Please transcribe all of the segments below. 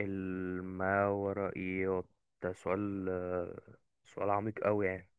الماورائيات، ده سؤال، سؤال عميق قوي، يعني.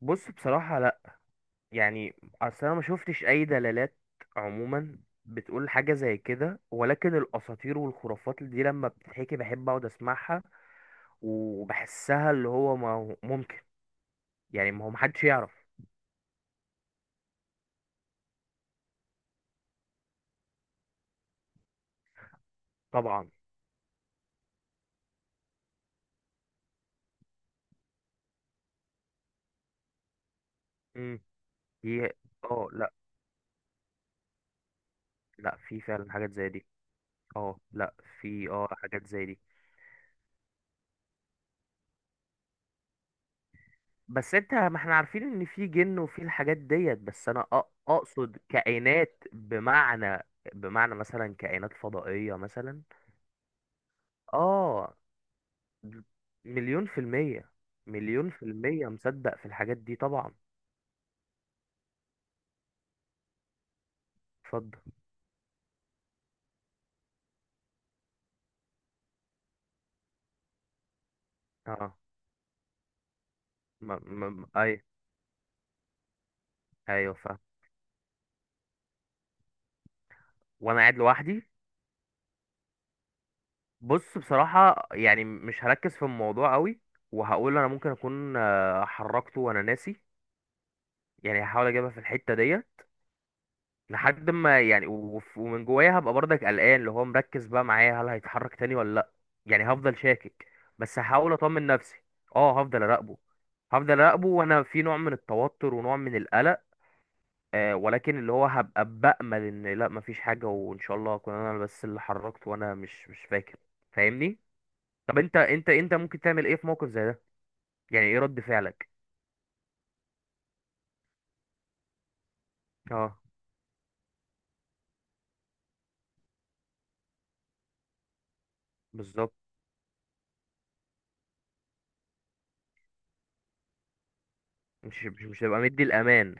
بص، بصراحة لا، يعني اصل انا ما شفتش اي دلالات عموما بتقول حاجة زي كده، ولكن الاساطير والخرافات دي لما بتتحكي بحب اقعد اسمعها وبحسها، اللي هو ما هو ممكن، يعني ما هو محدش يعرف. طبعا. امم هي. اه، لا، لا، في فعلا حاجات زي دي. اه، لا، في حاجات زي دي. بس انت، ما احنا عارفين ان في جن وفي الحاجات ديت، بس اقصد كائنات بمعنى، مثلا كائنات فضائية مثلا. اه، مليون في المية، مليون في المية مصدق في الحاجات دي طبعا. اتفضل. اه، اي، ايوه، فاهم. وانا قاعد لوحدي؟ بص، بصراحة يعني مش هركز في الموضوع قوي، وهقول انا ممكن اكون حركته وانا ناسي. يعني هحاول اجيبها في الحتة ديت، لحد ما يعني ومن جوايا هبقى برضك قلقان، اللي هو مركز بقى معايا هل هيتحرك تاني ولا لا. يعني هفضل شاكك، بس هحاول اطمن نفسي. اه، هفضل اراقبه، هفضل اراقبه وانا في نوع من التوتر ونوع من القلق، آه، ولكن اللي هو هبقى بأمل ان لا مفيش حاجة وان شاء الله اكون انا بس اللي حركت وانا مش فاكر. فاهمني؟ طب انت ممكن تعمل ايه في موقف زي ده؟ يعني ايه رد فعلك؟ اه، بالظبط. مش هبقى مدي الامان.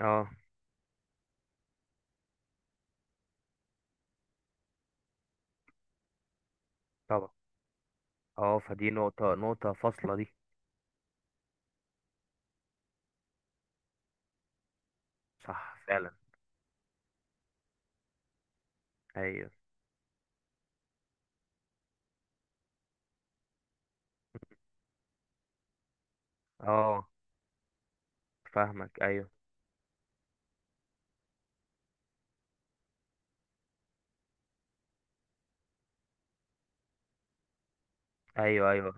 اه، طبعا، اه، فدي نقطة فاصلة دي. صح، فعلا. ايوه، اه، فاهمك. ايوه، ايوه، ايوه،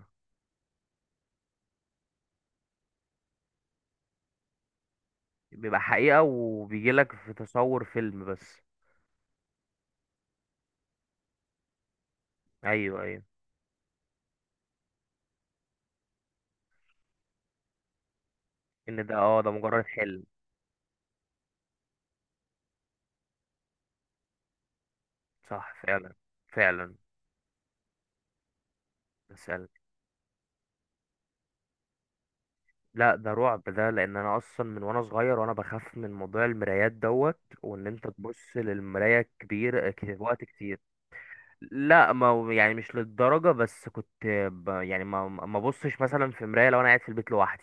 بيبقى حقيقة، وبيجيلك في تصور فيلم بس. ايوه، ايوه، ان ده مجرد حلم. صح، فعلا، فعلا. مثلا، لا ده رعب ده، لان انا اصلا من وانا صغير وانا بخاف من موضوع المرايات دوت، وان انت تبص للمراية كبير، وقت كتير. لا، ما هو يعني مش للدرجة، بس كنت يعني ما بصش مثلا في مراية لو انا قاعد في البيت لوحدي.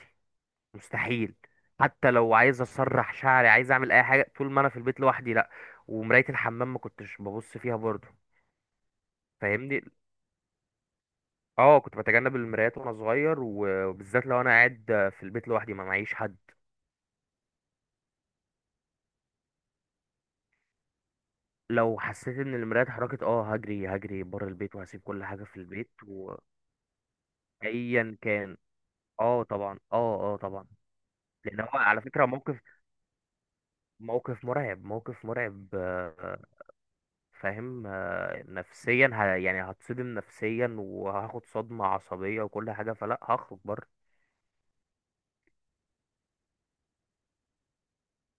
مستحيل. حتى لو عايز اسرح شعري، عايز اعمل اي حاجه طول ما انا في البيت لوحدي، لا. ومرايه الحمام ما كنتش ببص فيها برضه. فاهمني؟ اه، كنت بتجنب المرايات وانا صغير، وبالذات لو انا قاعد في البيت لوحدي، ما معيش حد. لو حسيت ان المرايه اتحركت، اه، هجري هجري بره البيت، وهسيب كل حاجه في البيت، وايا كان. اه، طبعا، اه، اه، طبعا. لان هو على فكره موقف موقف مرعب، موقف مرعب. فاهم. نفسيا يعني هتصدم نفسيا، وهاخد صدمة عصبية وكل حاجة، فلا هخرج بره.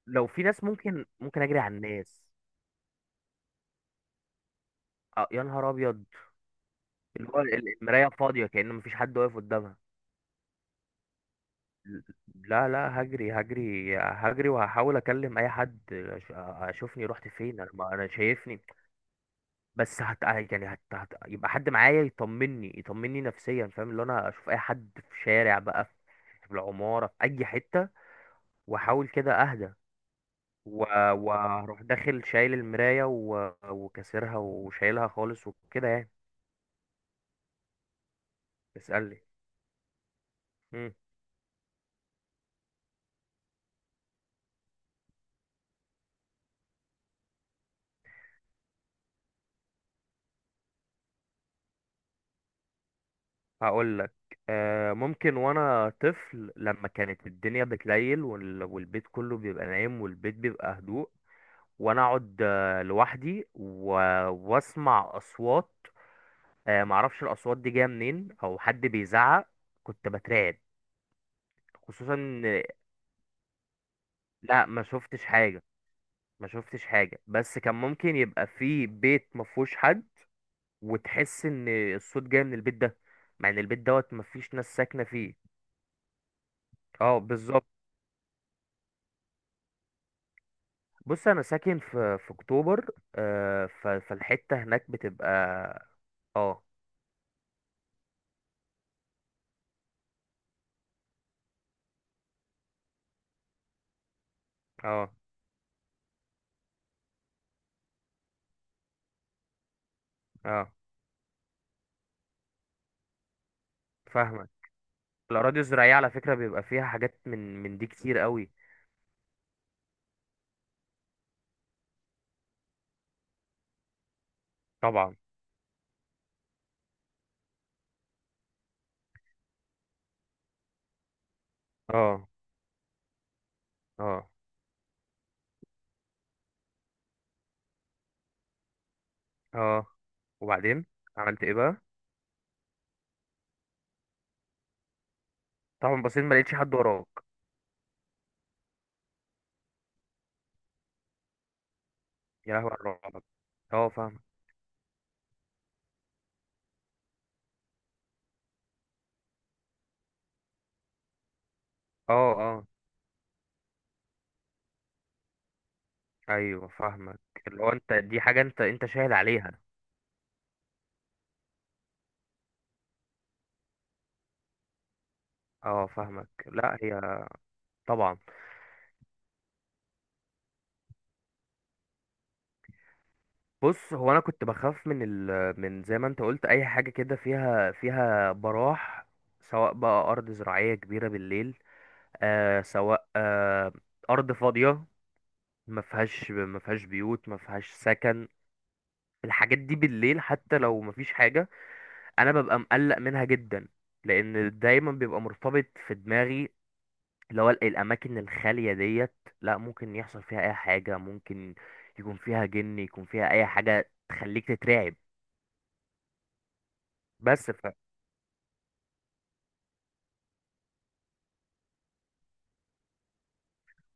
لو في ناس ممكن اجري على الناس. يا نهار ابيض! اللي هو المراية فاضية، كأن مفيش حد واقف قدامها. لا، لا، هجري هجري هجري، وهحاول اكلم اي حد. اشوفني رحت فين، انا ما انا شايفني. بس هت يعني هت... هت... يبقى حد معايا يطمني، يطمني نفسيا، فاهم؟ اللي انا اشوف اي حد في شارع بقى، في العمارة، في اي حتة، واحاول كده اهدى، و- واروح داخل شايل المراية، وكسرها وشايلها خالص وكده، يعني. اسألني. مم. هقول لك. ممكن وانا طفل لما كانت الدنيا بتليل، والبيت كله بيبقى نايم، والبيت بيبقى هدوء، وانا اقعد لوحدي، واسمع اصوات، معرفش الاصوات دي جايه منين، او حد بيزعق، كنت بترعب. خصوصا. لا، ما شفتش حاجه. ما شفتش حاجه، بس كان ممكن يبقى في بيت ما فيهوش حد، وتحس ان الصوت جاي من البيت ده، مع ان البيت دوت مفيش ناس ساكنه فيه. اه، بالظبط. بص، انا ساكن في اكتوبر. فالحته هناك بتبقى. اه، اه، اه، فاهمك. الاراضي الزراعيه على فكره بيبقى فيها حاجات من دي كتير قوي. طبعا. اه، اه، اه. وبعدين عملت ايه بقى؟ طبعا بصيت ما لقيتش حد وراك. يا لهوي على الرعب! اه، فاهمك. اه، اه، ايوه، فاهمك. اللي هو انت، دي حاجه انت شاهد عليها. اه، فاهمك. لا، هي طبعا. بص، هو انا كنت بخاف من من زي ما انت قلت، اي حاجه كده فيها، براح. سواء بقى ارض زراعيه كبيره بالليل، سواء، ارض فاضيه، ما فيهاش بيوت، ما فيهاش سكن. الحاجات دي بالليل حتى لو ما فيش حاجه، انا ببقى مقلق منها جدا، لان دايما بيبقى مرتبط في دماغي اللي هو الأماكن الخالية ديت، لا، ممكن يحصل فيها أي حاجة، ممكن يكون فيها جن، يكون فيها أي حاجة تخليك تترعب. بس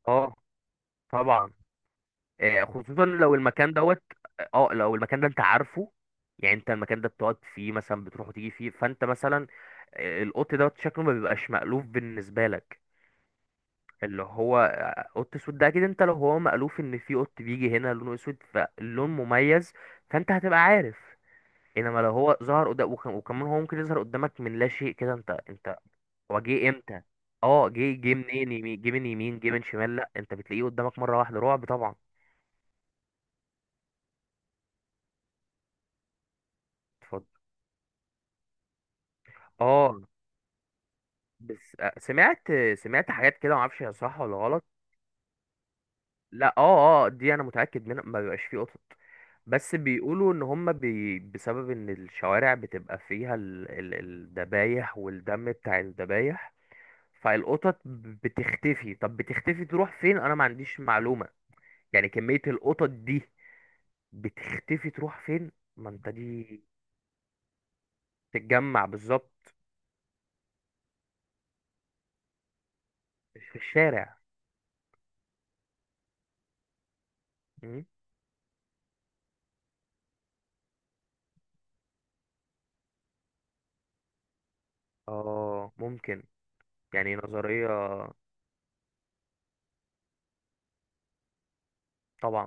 اه، طبعا. خصوصا لو المكان دوت، اه، لو المكان ده انت عارفه، يعني انت المكان ده بتقعد فيه مثلا، بتروح وتيجي فيه، فانت مثلا القط دوت شكله ما بيبقاش مألوف بالنسبة لك. اللي هو قط اسود ده، اكيد انت لو هو مألوف ان في قط بيجي هنا لونه اسود فاللون مميز، فانت هتبقى عارف. انما لو هو ظهر قدام، وكمان هو ممكن يظهر قدامك من لا شيء كده، انت. هو جه امتى؟ اه، جه منين؟ يمين؟ جه من يمين؟ جه من شمال؟ لا، انت بتلاقيه قدامك مره واحده، رعب طبعا. اتفضل. اه، بس، سمعت، حاجات كده معرفش هي صح ولا غلط. لا، اه، اه، دي انا متاكد منها، ما بيبقاش فيه قطط. بس بيقولوا ان هم بي بسبب ان الشوارع بتبقى فيها الذبايح والدم بتاع الذبايح، فالقطط بتختفي. طب بتختفي تروح فين؟ انا ما عنديش معلومة. يعني كمية القطط دي بتختفي تروح فين؟ ما انت دي تتجمع بالظبط. مش في الشارع. مم. اه، ممكن. يعني نظرية. طبعا.